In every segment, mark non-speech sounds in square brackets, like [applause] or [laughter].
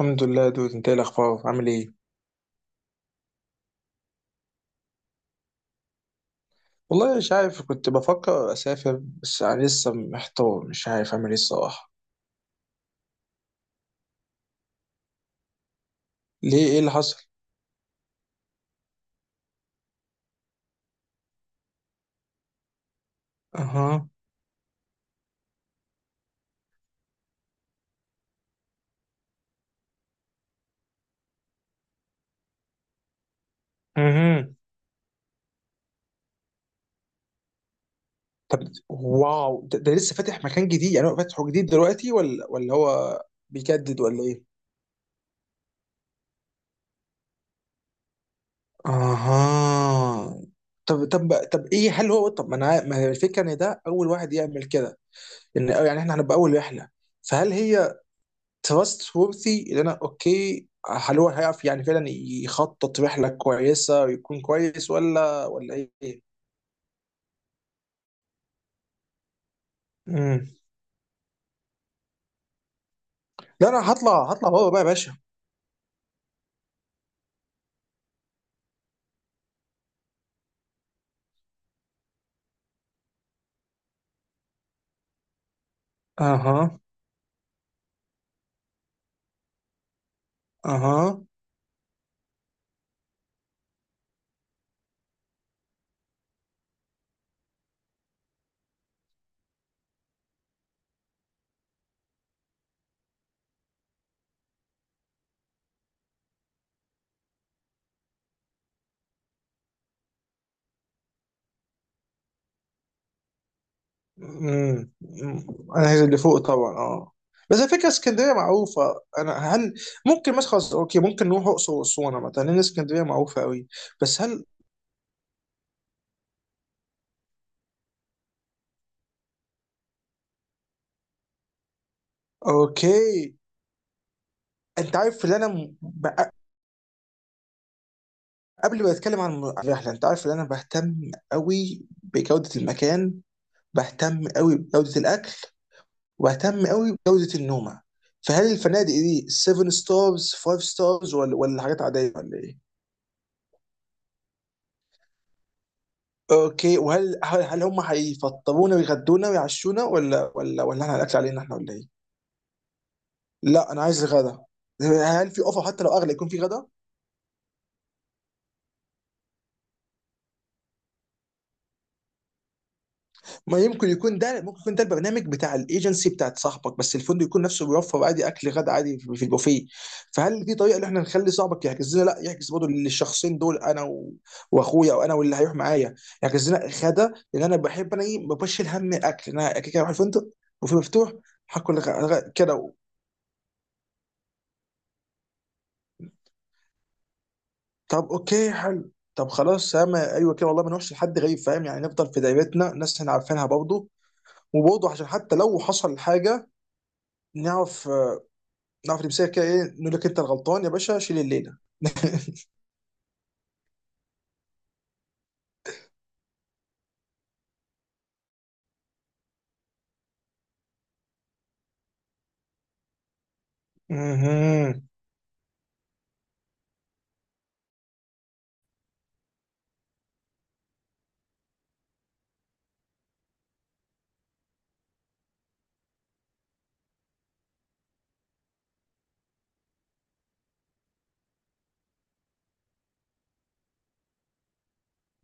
الحمد لله دود، انت ايه الاخبار عامل ايه؟ والله مش عارف، كنت بفكر اسافر بس انا لسه محتار، مش عارف اعمل ايه الصراحه. ليه، ايه اللي حصل؟ اها. اها. طب واو، ده لسه فاتح مكان جديد؟ يعني هو فاتحه جديد دلوقتي ولا هو بيجدد ولا ايه؟ اها. طب ايه، هل هو طب ما انا ما هي الفكره ان ده اول واحد يعمل كده، ان يعني احنا هنبقى اول رحله، فهل هي تراست وورثي؟ اللي انا اوكي، هل هو هيعرف يعني فعلا يخطط رحله كويسه ويكون كويس ولا ايه؟ امم لا انا هطلع، هطلع بابا بقى يا باشا. اها. اها. امم انا عايز اللي فوق طبعا، اه. بس على فكره اسكندريه معروفه، انا هل ممكن مثلا خلاص، اوكي ممكن نروح اقصر واسوان مثلا، لان اسكندريه معروفه قوي. بس هل اوكي، انت عارف اللي انا، قبل ما اتكلم عن الرحله، انت عارف ان انا بهتم قوي بجوده المكان، بهتم قوي بجوده الاكل، وبهتم قوي بجوده النومه. فهل الفنادق دي 7 ستارز، 5 ستارز ولا حاجات عاديه ولا ايه؟ اوكي، وهل هل, هل هم هيفطرونا ويغدونا ويعشونا ولا احنا الاكل علينا احنا ولا ايه؟ لا انا عايز غدا، هل في اوفر حتى لو اغلى يكون في غدا؟ ما يمكن يكون ده، ممكن يكون ده البرنامج بتاع الايجنسي بتاعت صاحبك، بس الفندق يكون نفسه بيوفر عادي اكل غدا عادي في البوفيه. فهل في طريقه ان احنا نخلي صاحبك يحجز لنا، لا يحجز برضه للشخصين دول، انا و... واخويا، او انا واللي هيروح معايا، يحجز لنا غدا، لان انا بحب، انا ايه، ما بشيل هم الاكل، انا كده كده هروح الفندق وفي مفتوح هاكل كده و... طب اوكي حلو. طب خلاص ياما ايوه كده والله، ما نروحش لحد غريب، فاهم يعني، نفضل في دايرتنا ناس احنا عارفينها برضه، وبرضه عشان حتى لو حصل حاجه نعرف، نعرف نمسكها كده، ايه، نقول لك انت الغلطان يا باشا، شيل الليله. [laughs] مهم.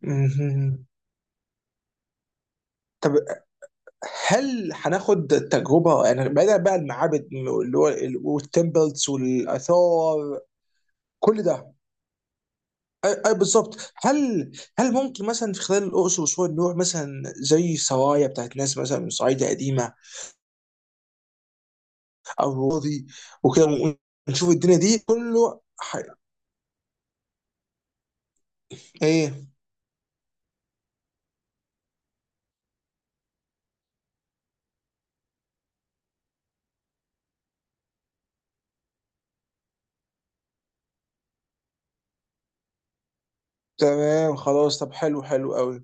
مهم. طب هل هناخد تجربه يعني، بعيدا بقى المعابد اللي هو والتمبلز والاثار، كل ده؟ اي أي بالظبط. هل، هل ممكن مثلا في خلال الاقصر واسوان نروح مثلا زي سرايا بتاعت ناس مثلا من صعيدة قديمه، او راضي وكده، ونشوف الدنيا دي كله ح... ايه. تمام خلاص، طب حلو حلو قوي.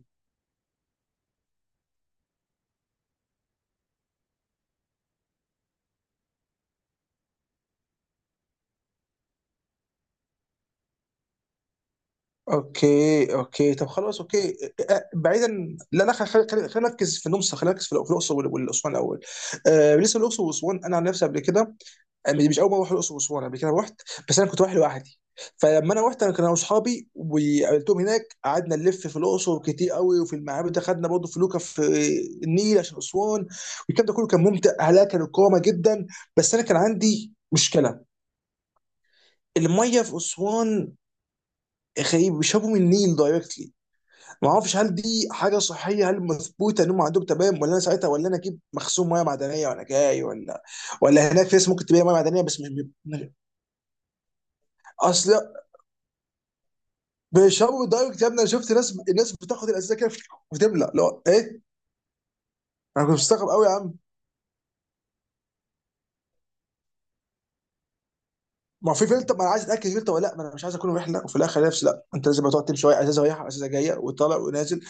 اوكي اوكي طب خلاص اوكي. آه، بعيدا. لا لا، خلينا نركز في النمسا، خلينا نركز في في الاقصر والاسوان الاول. آه، بالنسبه للاقصر واسوان انا عن نفسي قبل كده، آه، مش اول مره اروح الاقصر واسوان، قبل كده رحت بس انا كنت رايح لوحدي، فلما انا رحت، انا كان انا واصحابي وقابلتهم هناك، قعدنا نلف في الاقصر كتير قوي وفي المعابد، خدنا برضه فلوكه في النيل عشان اسوان، والكلام ده كله كان ممتع، اهلها كانوا كرامه جدا. بس انا كان عندي مشكله، الميه في اسوان غريب، بيشربوا من النيل دايركتلي. ما اعرفش هل دي حاجه صحيه، هل مثبوته ان هم عندهم تمام، ولا انا ساعتها ولا انا اجيب مخزون ميه معدنيه وانا جاي، ولا ولا هناك في ناس ممكن تبيع ميه معدنيه بس مش، مش- اصل بيشربوا دايركت يا ابني، انا شفت ناس، الناس بتاخد الازازه كده وتملى، لا ايه. انا كنت مستغرب قوي يا عم. ما هو في فلتر، ما انا عايز اتاكد فلتر ولا لا، ما انا مش عايز اكون رحله وفي الاخر نفسي، لا انت لازم تقعد تمشي شويه ازازه رايحه ازازه جايه وطالع ونازل.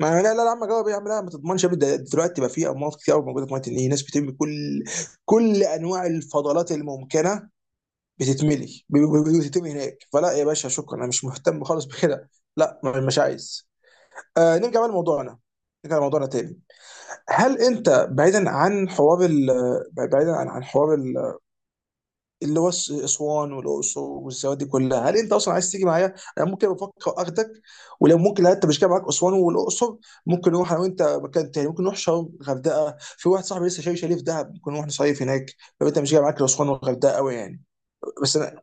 ما لا يا عم، جاوب يا عم، لا ما تضمنش يا ابني، ده دلوقتي بقى في امراض كتير قوي موجوده في ميه النيل، ناس بترمي كل كل انواع الفضلات الممكنه، بتتملي بتتم هناك، فلا يا باشا شكرا، انا مش مهتم خالص بكده. لا مش عايز. آه نرجع بقى لموضوعنا، نرجع لموضوعنا تاني. هل انت بعيدا عن حوار ال، بعيدا عن حوار اللي هو اسوان والاقصر والسواد دي كلها، هل انت اصلا عايز تيجي معايا؟ انا ممكن بفكر اخدك، ولو ممكن لا انت مش جاي معاك اسوان والاقصر، ممكن نروح انا وانت مكان تاني، ممكن نروح شرم غردقه، في واحد صاحبي لسه شايف شاليه في دهب، ممكن نروح نصيف هناك لو انت مش جاي معاك الاسوان والغردقه قوي يعني. بس انا.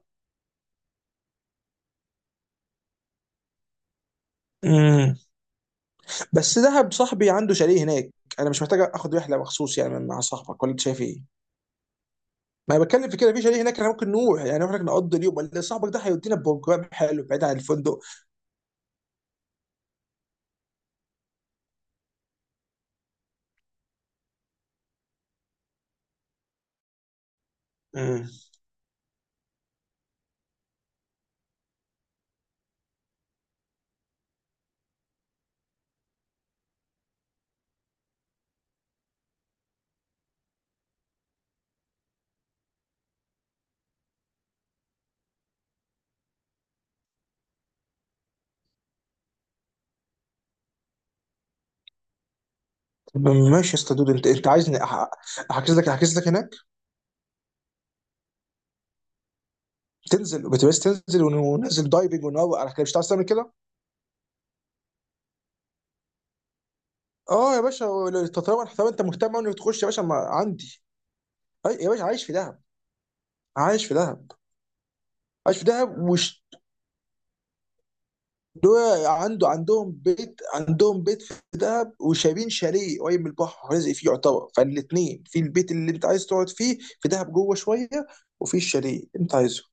مم. بس دهب صاحبي عنده شاليه هناك، انا مش محتاج اخد رحله مخصوص يعني مع صاحبك، ولا انت شايف ايه؟ ما انا بتكلم في كده، في شاليه هناك احنا ممكن نروح يعني، نروح هناك نقضي اليوم، ولا صاحبك ده هيودينا بروجرام حلو بعيد عن الفندق؟ امم. طب ماشي يا اسطى دود، انت انت عايزني احجز لك، احجز لك هناك، تنزل بتبس، تنزل وننزل دايفنج ونروق على كده، مش هتعرف تعمل كده؟ اه يا باشا، طب طب انت مهتم أوي انك تخش يا باشا، ما عندي. يا باشا عايش في دهب، عايش في دهب، عايش في دهب، دول عنده، عندهم بيت، عندهم بيت في دهب، وشارين شاليه قريب من البحر، رازق فيه يعتبر، فالاثنين في البيت اللي انت عايز تقعد فيه في دهب جوه شويه، وفي الشاليه اللي انت عايزه.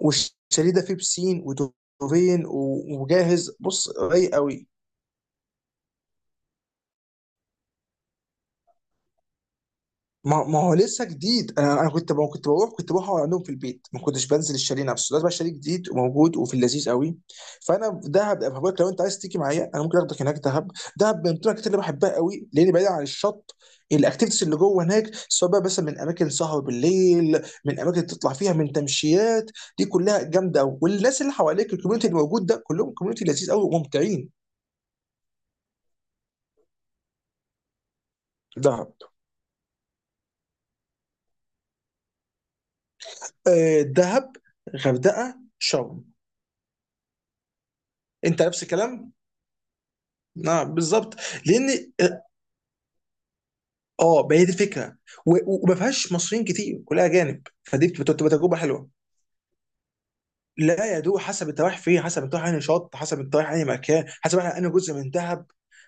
والشاليه ده فيه بسين ودوفين وجاهز، بص رايق قوي. ما هو لسه جديد، انا كنت ما كنت بروح، كنت بروح اقعد عندهم في البيت، ما كنتش بنزل الشاليه نفسه، ده بقى شاليه جديد وموجود وفي اللذيذ قوي. فانا في دهب أبقى بقولك، لو انت عايز تيجي معايا انا ممكن اخدك هناك دهب. دهب من الاماكن اللي بحبها قوي، لان بعيد عن الشط، الاكتيفيتيز اللي جوه هناك، سواء بقى مثلا من اماكن سهر بالليل، من اماكن تطلع فيها، من تمشيات، دي كلها جامده قوي. والناس اللي حواليك الكوميونتي اللي موجود ده، كلهم كوميونتي لذيذ قوي وممتعين. دهب. آه، دهب. غردقه شرم. انت نفس الكلام. نعم بالظبط. لان اه. آه، ما هي دي الفكره، وما فيهاش مصريين كتير، كلها اجانب، فدي بتبقى تجربه حلوه. لا يا دوب، حسب انت رايح فين، حسب انت رايح انهي شط، حسب انت رايح انهي مكان، حسب. انا انا جزء من دهب،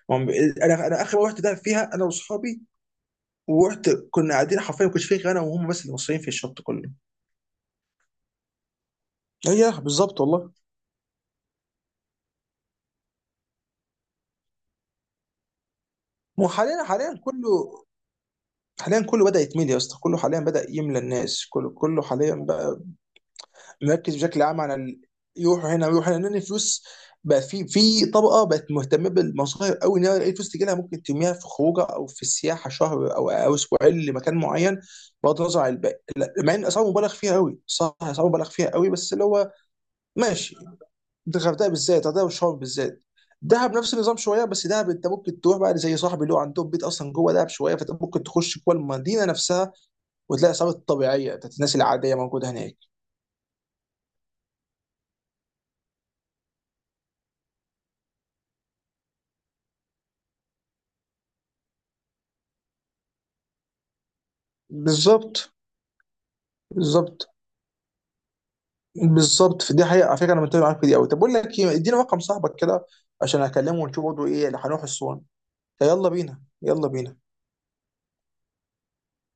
ما هم- انا، انا اخر مره رحت دهب فيها انا واصحابي، ورحت كنا قاعدين حرفيا، ما كنتش فيه غير انا وهم بس اللي مصريين في الشط كله. ايوه بالظبط والله. وحاليا، حاليا كله، حاليا كله بدأ يتملي يا اسطى، كله حاليا بدأ يملى، الناس كله، كله حاليا بقى. نركز بشكل عام على يروحوا هنا ويروحوا هنا، لان الفلوس بقى، في طبقه بقت مهتمه بالمصايف قوي، ان هي اي فلوس تجي لها ممكن ترميها في خروجه او في السياحه، شهر او اسبوعين لمكان معين، بغض النظر عن الباقي. لا، مع ان اسعار مبالغ فيها قوي، صح، اسعار مبالغ فيها قوي، بس اللي هو ماشي، ده الغردقه بالذات، الغردقه والشرم بالذات. دهب نفس النظام شويه، بس دهب انت ممكن تروح بقى زي صاحبي اللي هو عندهم بيت اصلا جوه دهب شويه، فانت ممكن تخش جوه المدينه نفسها، وتلاقي الاسعار الطبيعيه بتاعت الناس العاديه موجوده هناك. بالظبط بالظبط بالظبط. في دي حقيقة، على فكرة أنا متفق معاك في دي أوي. طب بقول لك إيه، اديني رقم صاحبك كده عشان أكلمه، ونشوف برضه إيه اللي هنروح الصون. فيلا بينا، يلا بينا.